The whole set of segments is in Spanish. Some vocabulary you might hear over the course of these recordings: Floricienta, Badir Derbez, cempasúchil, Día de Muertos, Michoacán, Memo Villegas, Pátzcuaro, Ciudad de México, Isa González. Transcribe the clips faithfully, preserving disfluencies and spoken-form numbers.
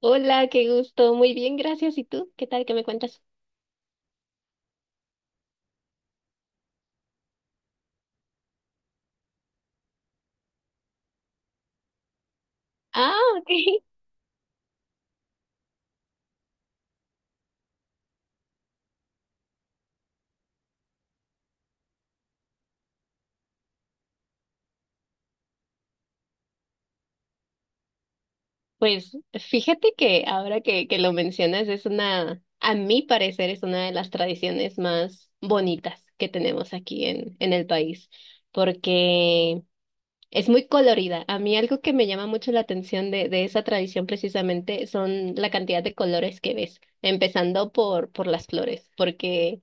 Hola, qué gusto. Muy bien, gracias. ¿Y tú? ¿Qué tal? ¿Qué me cuentas? Ah, ok. Pues fíjate que ahora que, que lo mencionas es una, a mi parecer, es una de las tradiciones más bonitas que tenemos aquí en, en el país, porque es muy colorida. A mí algo que me llama mucho la atención de, de esa tradición precisamente son la cantidad de colores que ves, empezando por, por las flores, porque...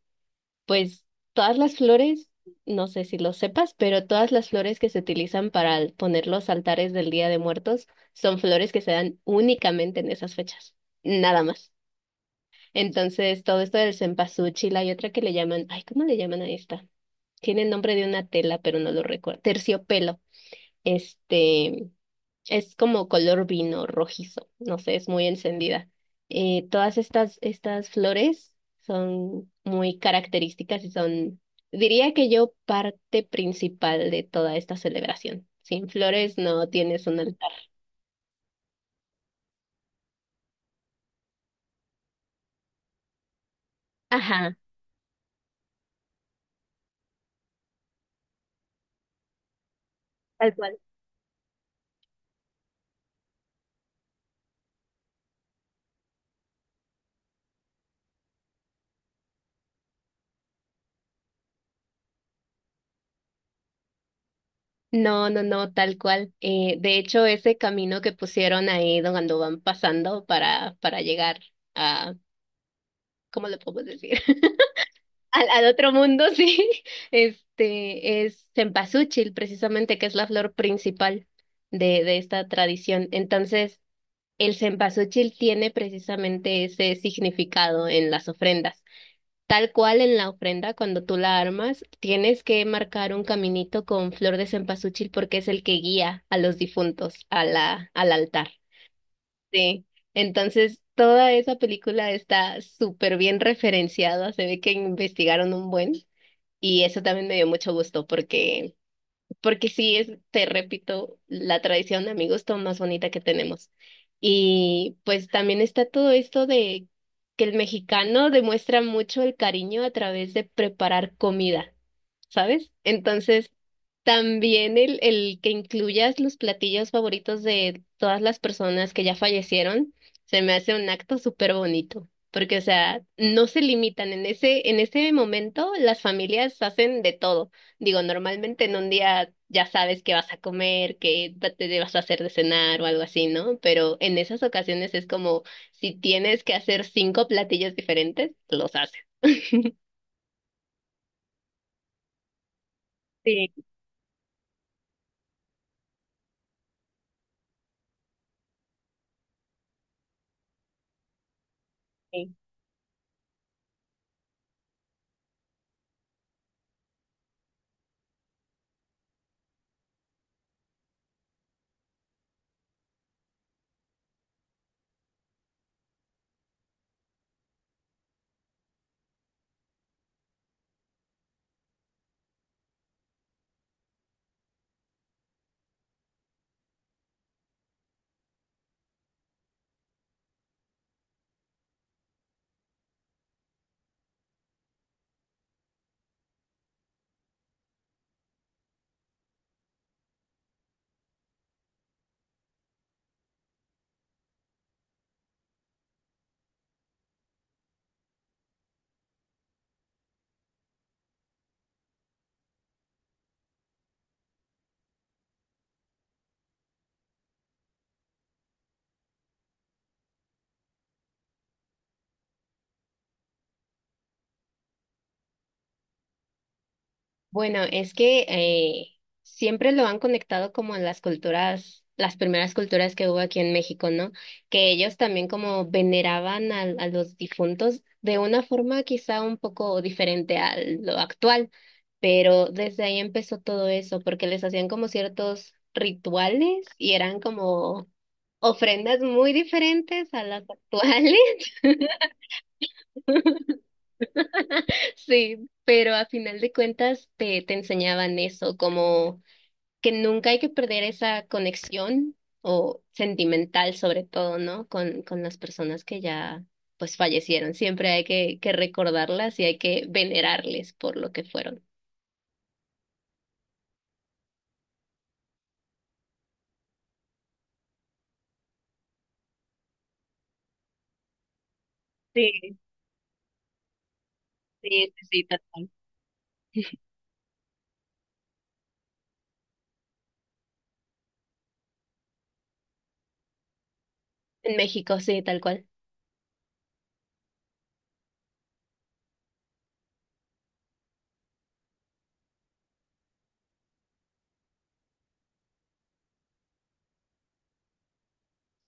Pues todas las flores, no sé si lo sepas, pero todas las flores que se utilizan para al- poner los altares del Día de Muertos son flores que se dan únicamente en esas fechas, nada más. Entonces, todo esto del cempasúchil, hay otra que le llaman, ay, ¿cómo le llaman a esta? Tiene el nombre de una tela, pero no lo recuerdo. Terciopelo. Este, es como color vino rojizo, no sé, es muy encendida. Eh, todas estas, estas flores son muy características y son, diría que yo, parte principal de toda esta celebración. Sin flores no tienes un altar. Ajá, tal cual. No, no, no, tal cual. Eh, de hecho, ese camino que pusieron ahí cuando van pasando para, para llegar a, ¿cómo le puedo decir? al, al otro mundo, sí, este es cempasúchil, precisamente, que es la flor principal de, de esta tradición. Entonces, el cempasúchil tiene precisamente ese significado en las ofrendas. Tal cual en la ofrenda, cuando tú la armas, tienes que marcar un caminito con flor de cempasúchil porque es el que guía a los difuntos a la, al altar. Sí. Entonces, toda esa película está súper bien referenciada, se ve que investigaron un buen. Y eso también me dio mucho gusto porque, porque sí es, te repito, la tradición de amigos todo más bonita que tenemos. Y pues también está todo esto de que el mexicano demuestra mucho el cariño a través de preparar comida, ¿sabes? Entonces, también el, el que incluyas los platillos favoritos de todas las personas que ya fallecieron, se me hace un acto súper bonito. Porque, o sea, no se limitan. En ese, en ese momento, las familias hacen de todo. Digo, normalmente en un día ya sabes qué vas a comer, qué va- te vas a hacer de cenar o algo así, ¿no? Pero en esas ocasiones es como si tienes que hacer cinco platillos diferentes, los haces. Sí, sí. Bueno, es que eh, siempre lo han conectado como en las culturas, las primeras culturas que hubo aquí en México, ¿no? Que ellos también como veneraban al- a los difuntos de una forma quizá un poco diferente a lo actual, pero desde ahí empezó todo eso, porque les hacían como ciertos rituales y eran como ofrendas muy diferentes a las actuales, sí, pero a final de cuentas te, te enseñaban eso, como que nunca hay que perder esa conexión o sentimental sobre todo, ¿no? Con, con las personas que ya pues fallecieron. Siempre hay que, que recordarlas y hay que venerarles por lo que fueron. Sí, sí, sí, sí, tal cual. En México, sí, tal cual.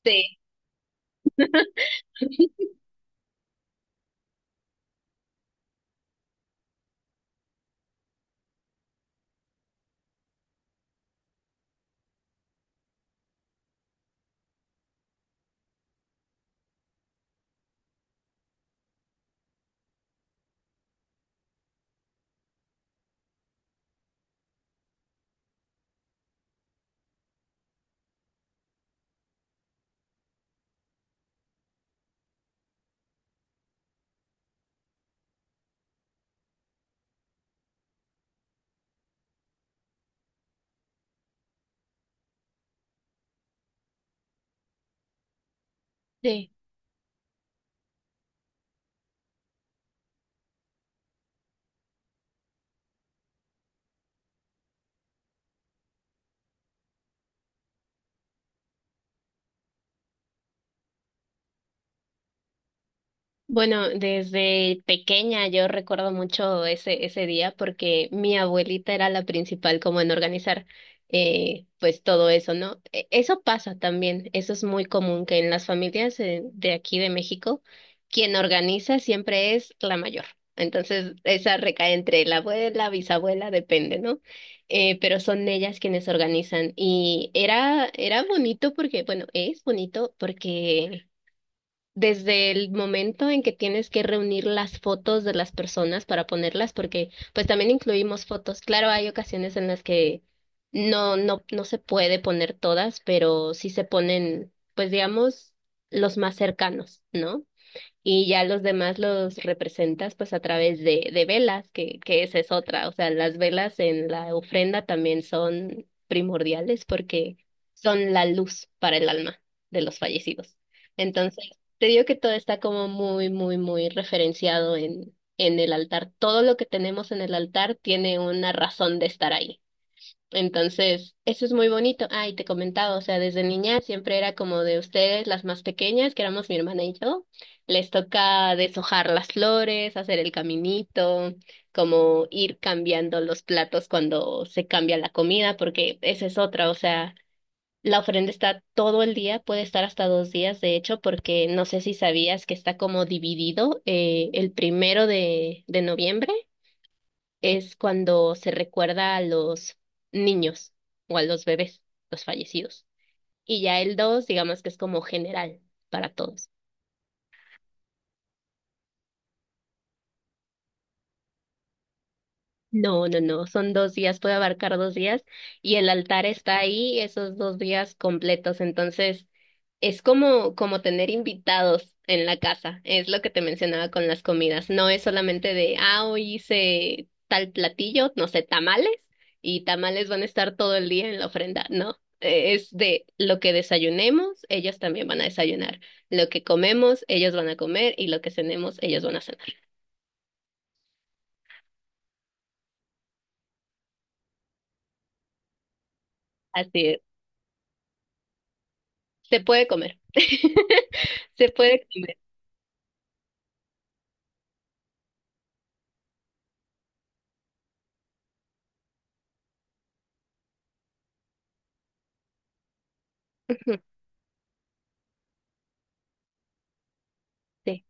Sí, sí. Bueno, desde pequeña yo recuerdo mucho ese, ese día porque mi abuelita era la principal como en organizar eh, pues todo eso, ¿no? E- Eso pasa también, eso es muy común que en las familias eh, de aquí de México, quien organiza siempre es la mayor. Entonces, esa recae entre la abuela, bisabuela, depende, ¿no? Eh, pero son ellas quienes organizan y era, era bonito porque, bueno, es bonito porque desde el momento en que tienes que reunir las fotos de las personas para ponerlas, porque pues también incluimos fotos. Claro, hay ocasiones en las que no, no, no se puede poner todas, pero sí se ponen, pues digamos, los más cercanos, ¿no? Y ya los demás los representas pues a través de, de velas, que, que esa es otra. O sea, las velas en la ofrenda también son primordiales porque son la luz para el alma de los fallecidos. Entonces, te digo que todo está como muy, muy, muy referenciado en, en el altar. Todo lo que tenemos en el altar tiene una razón de estar ahí. Entonces, eso es muy bonito. Ah, y te comentaba, o sea, desde niña siempre era como de ustedes, las más pequeñas, que éramos mi hermana y yo, les toca deshojar las flores, hacer el caminito, como ir cambiando los platos cuando se cambia la comida, porque esa es otra, o sea, la ofrenda está todo el día, puede estar hasta dos días, de hecho, porque no sé si sabías que está como dividido eh, el primero de, de noviembre es cuando se recuerda a los niños o a los bebés, los fallecidos. Y ya el dos digamos que es como general para todos. No, no, no, son dos días, puede abarcar dos días y el altar está ahí esos dos días completos, entonces es como, como tener invitados en la casa, es lo que te mencionaba con las comidas, no es solamente de, ah, hoy hice tal platillo, no sé, tamales y tamales van a estar todo el día en la ofrenda, no, eh, es de lo que desayunemos, ellos también van a desayunar, lo que comemos, ellos van a comer y lo que cenemos, ellos van a cenar. Así es. Se puede comer. Se puede comer. Ujú. Sí,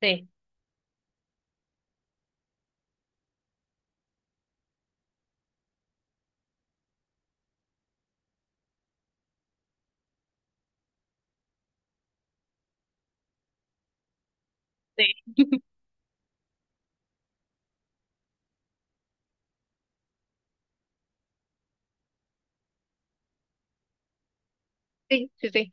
sí, sí. Sí, sí, sí.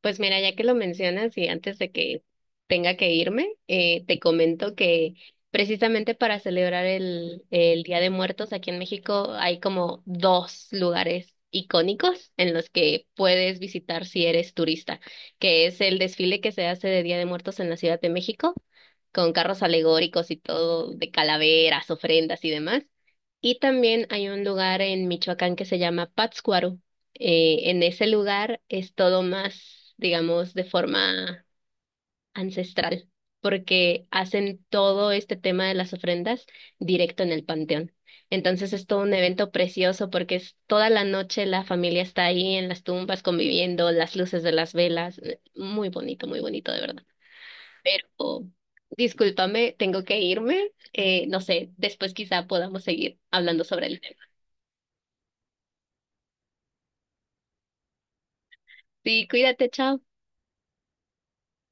Pues mira, ya que lo mencionas y antes de que tenga que irme, eh, te comento que precisamente para celebrar el, el Día de Muertos aquí en México hay como dos lugares icónicos en los que puedes visitar si eres turista, que es el desfile que se hace de Día de Muertos en la Ciudad de México, con carros alegóricos y todo de calaveras, ofrendas y demás. Y también hay un lugar en Michoacán que se llama Pátzcuaro. Eh, en ese lugar es todo más, digamos, de forma ancestral, porque hacen todo este tema de las ofrendas directo en el panteón. Entonces es todo un evento precioso porque es toda la noche la familia está ahí en las tumbas conviviendo, las luces de las velas, eh, muy bonito, muy bonito de verdad. Pero discúlpame, tengo que irme. Eh, no sé, después quizá podamos seguir hablando sobre el tema. Sí, cuídate, chao.